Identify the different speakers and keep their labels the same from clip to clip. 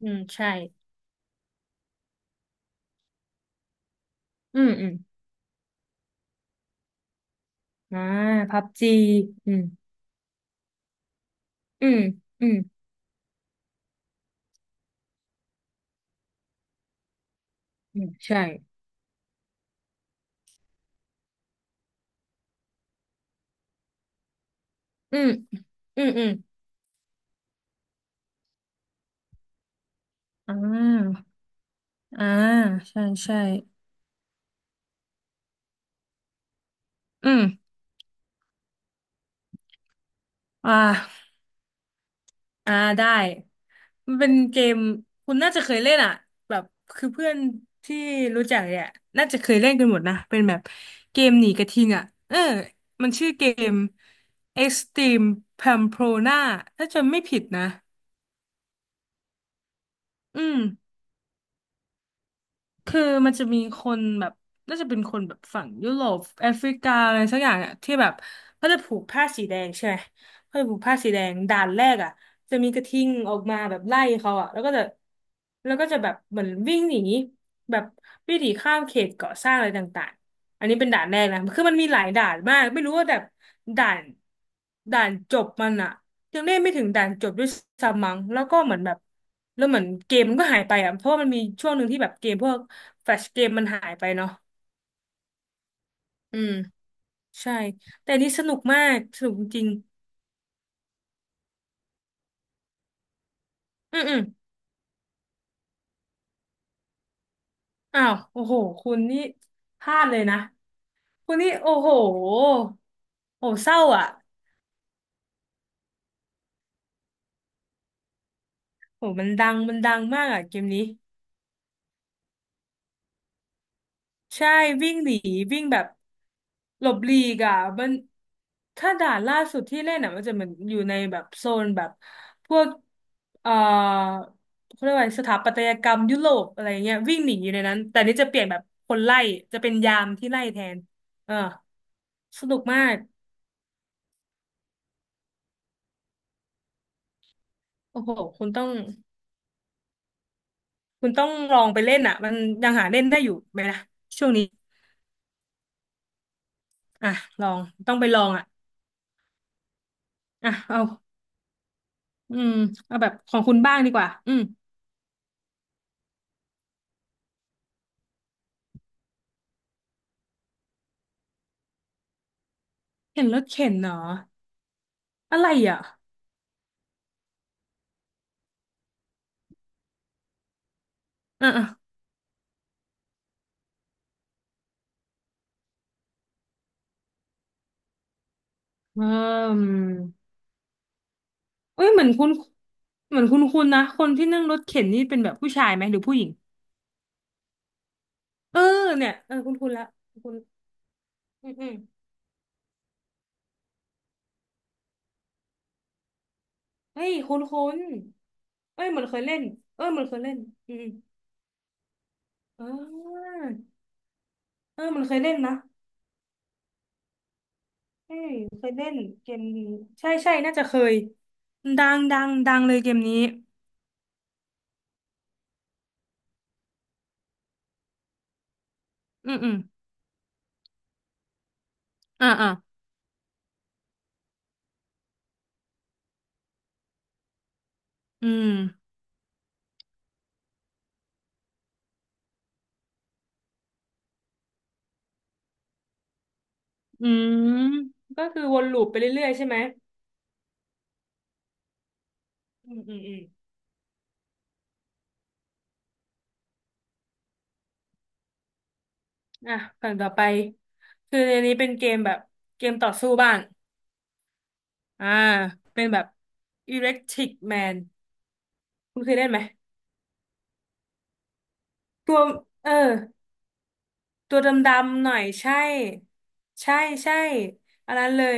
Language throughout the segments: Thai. Speaker 1: อืมใช่ อืมอืมอ่าพับจี อืมอืมอืมอืมใช่ อืมอืมอืมอ่าอ่าใช่ใช่ อืมอ่าอ่าได้มันเป็นเกมคุณน่าจะเคยเล่นอ่ะแบบคือเพื่อนที่รู้จักเนี่ยน่าจะเคยเล่นกันหมดนะเป็นแบบเกมหนีกระทิงอ่ะเออมันชื่อเกม Extreme Pamplona ถ้าจำไม่ผิดนะอืม คือมันจะมีคนแบบน่าจะเป็นคนแบบฝั่งยุโรปแอฟริกาอะไรสักอย่างอ่ะที่แบบเขาจะผูกผ้าสีแดงใช่ไหมเขาจะผูกผ้าสีแดงด่านแรกอ่ะจะมีกระทิงออกมาแบบไล่เขาอ่ะแล้วก็จะแบบเหมือนวิ่งหนีแบบวิ่งหนีข้ามเขตก่อสร้างอะไรต่างๆอันนี้เป็นด่านแรกนะคือมันมีหลายด่านมากไม่รู้ว่าแบบด่านด่านจบมันอ่ะ ยังได้ไม่ถึงด่านจบด้วยซ้ำมั้งแล้วก็เหมือนแบบแล้วเหมือนเกมมันก็หายไปอ่ะเพราะว่ามันมีช่วงหนึ่งที่แบบเกมพวกแฟลชเกมมันหายไปเนาะอืมใช่แต่อันนี่สนุกมากสนุกจริงๆอืมอืมอ้าวโอ้โหคุณนี่พลาดเลยนะคุณนี่โอ้โหโอ้เศร้าอ่ะโอ้มันดังมากอ่ะเกมนี้ ใช่วิ่งหนีวิ่งแบบหลบหลีกอ่ะมันถ้าด่านล่าสุดที่เล่นอ่ะมันจะเหมือนอยู่ในแบบโซนแบบพวกเอ่อเขาเรียกว่าอะไรสถาปัตยกรรมยุโรปอะไรเงี้ยวิ่งหนีอยู่ในนั้นแต่นี่จะเปลี่ยนแบบคนไล่จะเป็นยามที่ไล่แทนเออสนุกมากโอ้โหคุณต้องคุณต้องลองไปเล่นอ่ะมันยังหาเล่นได้อยู่ไหมนะช่วงนี้อ่ะลองต้องไปลองอ่ะอ่ะเอาอืมเอาแบบของคุณบ้างดีกว่าอืม เห็นรถเข็นเหรออะไรอ่ะอ่ะอ่ะอืมเอ้ยเหมือนคุณนะคนที่นั่งรถเข็นนี่เป็นแบบผู้ชายไหมหรือผู้หญิงเออเนี่ยเออคุณละคุณอืมอืมเฮ้ยคุณเอ้ยเหมือนเคยเล่นเออเหมือนเคยเล่นอืมอืมเออเออเหมันเคยเล่นนะเอ้ยเคยเล่นเกมนี้ใช่ใช่น่าจะเคยดังดังดังเลยเกมนี้อืมอืมอ่าอ่าอืมอืมก็คือวนลูปไปเรื่อยๆใช่ไหม อืมอืมอืมอ่ะฝั่งต่อไปคือในนี้เป็นเกมแบบเกมต่อสู้บ้างอ่าเป็นแบบ Electric Man คุณเคยเล่นไหมตัวเออตัวดำๆหน่อยใช่ใช่ใช่อันนั้นเลย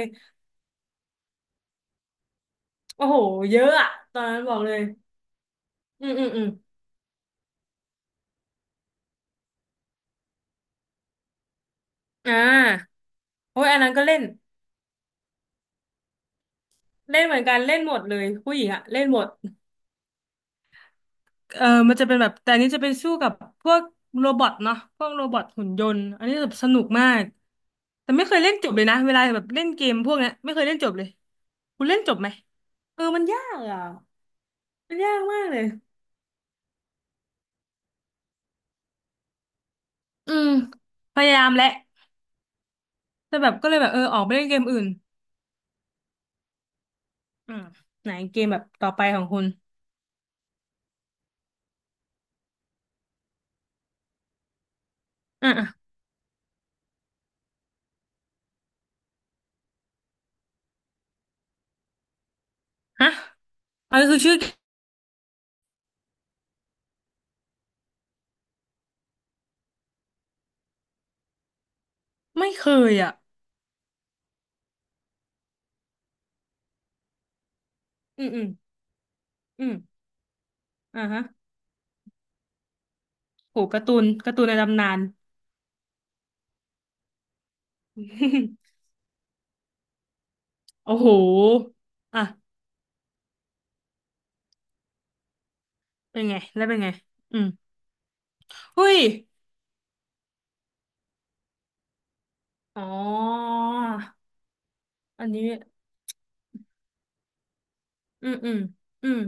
Speaker 1: โอ้โหเยอะอะตอนนั้นบอกเลยอืมอืมอืมอ่าโอ้ยอันนั้นก็เล่นเล่นเหมือนกันเล่นหมดเลยผู้หญิงอะเล่นหมด เออมันจะเป็นแบบแต่อันนี้จะเป็นสู้กับพวกโรบอทเนาะพวกโรบอทหุ่นยนต์อันนี้แบบสนุกมากแต่ไม่เคยเล่นจบเลยนะเวลาแบบเล่นเกมพวกเนี้ยไม่เคยเล่นจบเลยคุณเล่นจบไหมเออมันยากอ่ะมันยากมากเลยอืมพยายามแหละแต่แบบก็เลยแบบเออออกไปเล่นเกมอื่นอืมไหนเกมแบบต่อไปของคุณอ่ะอ่ะฮะอันนี้คือชื่อไม่เคยอ่ะอืมอืมอืมอ่ะฮะโหการ์ตูนการ์ตูนในตำนาน โอ้โหอ่ะ เป็นไง แล้วเป็นไง อืมเฮ้ยอ๋ออันนี้อืมอืมอืม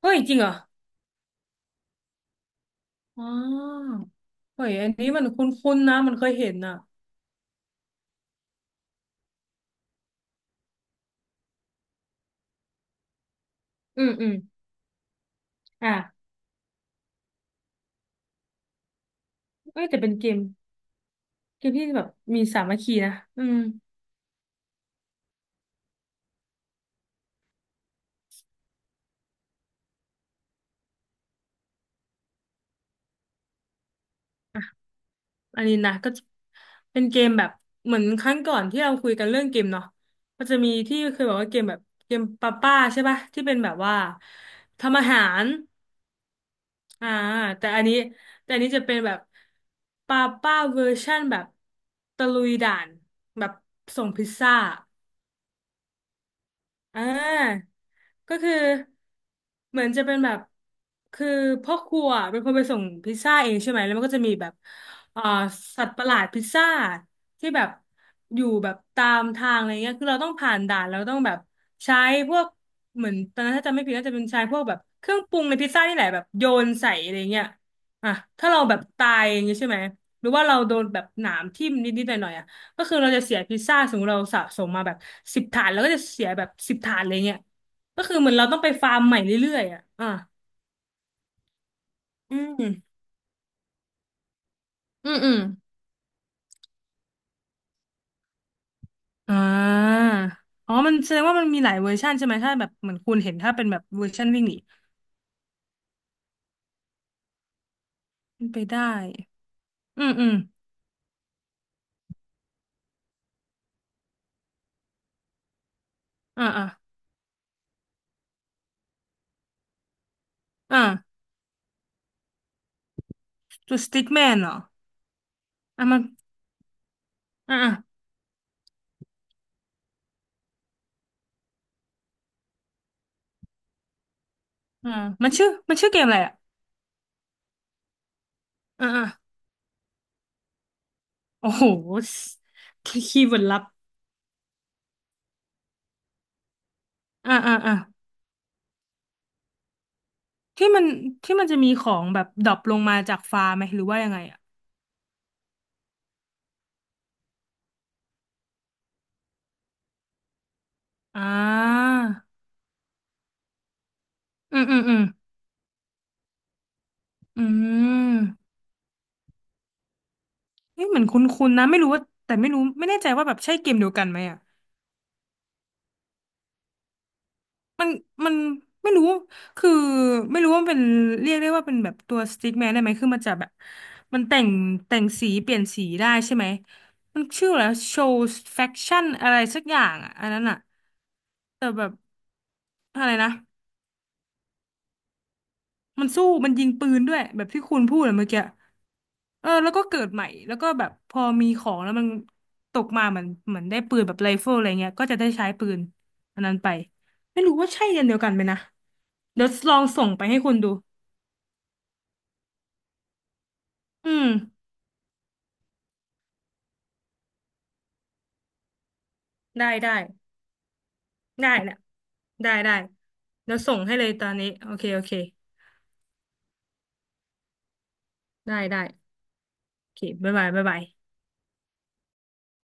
Speaker 1: เฮ้ยจริงเหรออ๋อเฮ้ยอันนี้มันคุ้นๆนะ มันเคยเห็นอ่ะอืมอืมอ่ะเอ้ยแต่เป็นเกม เกมที่แบบมีสามัคคีนะอืมอ่ะอันนี้นะก็จะเป็นเกมแบบเหมือนครั้งก่อนที่เราคุยกันเรื่องเกมเนาะก็จะมีที่เคยบอกว่าเกมแบบเกมป้าป้าใช่ปะที่เป็นแบบว่าทำอาหาร อ่าแต่อันนี้แต่อันนี้จะเป็นแบบป้าป้าเวอร์ชั่นแบบตะลุยด่านแบบส่งพิซซ่า อ่าก็คือเหมือนจะเป็นแบบคือพ่อครัวเป็นคนไปส่งพิซซ่าเองใช่ไหมแล้วมันก็จะมีแบบอ่าสัตว์ประหลาดพิซซ่าที่แบบอยู่แบบตามทางอะไรเงี้ยคือเราต้องผ่านด่านเราต้องแบบใช้พวกเหมือนตอนนั้นถ้าจำไม่ผิดน่าจะเป็นใช้พวกแบบเครื่องปรุงในพิซซ่านี่แหละแบบโยนใส่อะไรเงี้ยอ่ะถ้าเราแบบตายอย่างงี้ใช่ไหมหรือว่าเราโดนแบบหนามทิ่มนิดๆหน่อยๆอ่ะ ก็คือเราจะเสียพิซซ่าสมมติเราสะสมมาแบบสิบถาดแล้วก็จะเสียแบบสิบถาดเลยเนี่ยก็คือเหมือนเราต้องไปฟาร์มใหม่เรื่อยๆอ่ะอ่าอืมอืมอืมอ่าอ๋อมันแสดงว่ามันมีหลายเวอร์ชันใช่ไหมถ้าแบบเหมือนคุณเห็นถ้าเป็นแบบเวอร์ชันวิ่งหนีเป็นไปได้อืมอืมอ่าอ่าอ่าตัวสติ๊กแมนเหรออ่ะมันอ่าอ่าอ่ามันชื่อเกมอะไรอ่ะอ่าอ่าโอ้โหคีย์เวิร์ดลับอ่าอ่าอ่า ที่มันที่มันจะมีของแบบดรอปลงมาจากฟ้าไหมหรือว่ายังไงอ่ะอ่าอืมอืมอืมอืมเี่เหมือนคุ้นๆนะไม่รู้ว่าแต่ไม่รู้ไม่แน่ใจว่าแบบใช่เกมเดียวกันไหมอ่ะมันมันไม่รู้ คือไม่รู้ว่ามันเป็นเรียกได้ว่าเป็นแบบตัวสติ๊กแมนได้ไหม คือมันจะแบบมันแต่งแต่งสีเปลี่ยนสีได้ใช่ไหม มันชื่อแล้วโชว์แฟคชั่นอะไรสักอย่างอ่ะอันนั้นอ่ะแต่แบบอะไรนะมันสู้มันยิงปืนด้วยแบบที่คุณพูดอะเมื่อกี้ เออแล้วก็เกิดใหม่แล้วก็แบบพอมีของแล้วมันตกมาเหมือนเหมือนได้ปืนแบบไรเฟิลอะไรเงี้ยก็จะได้ใช้ปืนอันนั้นไปไม่รู้ว่าใช่อันเดียวกันไหมนะเดี๋ยวลองส่งไปให้คุณดูอืมได้ได้ได้นะได้ได้เดี๋ยวส่งให้เลยตอนนี้โอเคโอเคได้ได้โอเคบ๊ายบายบ๊ายบาย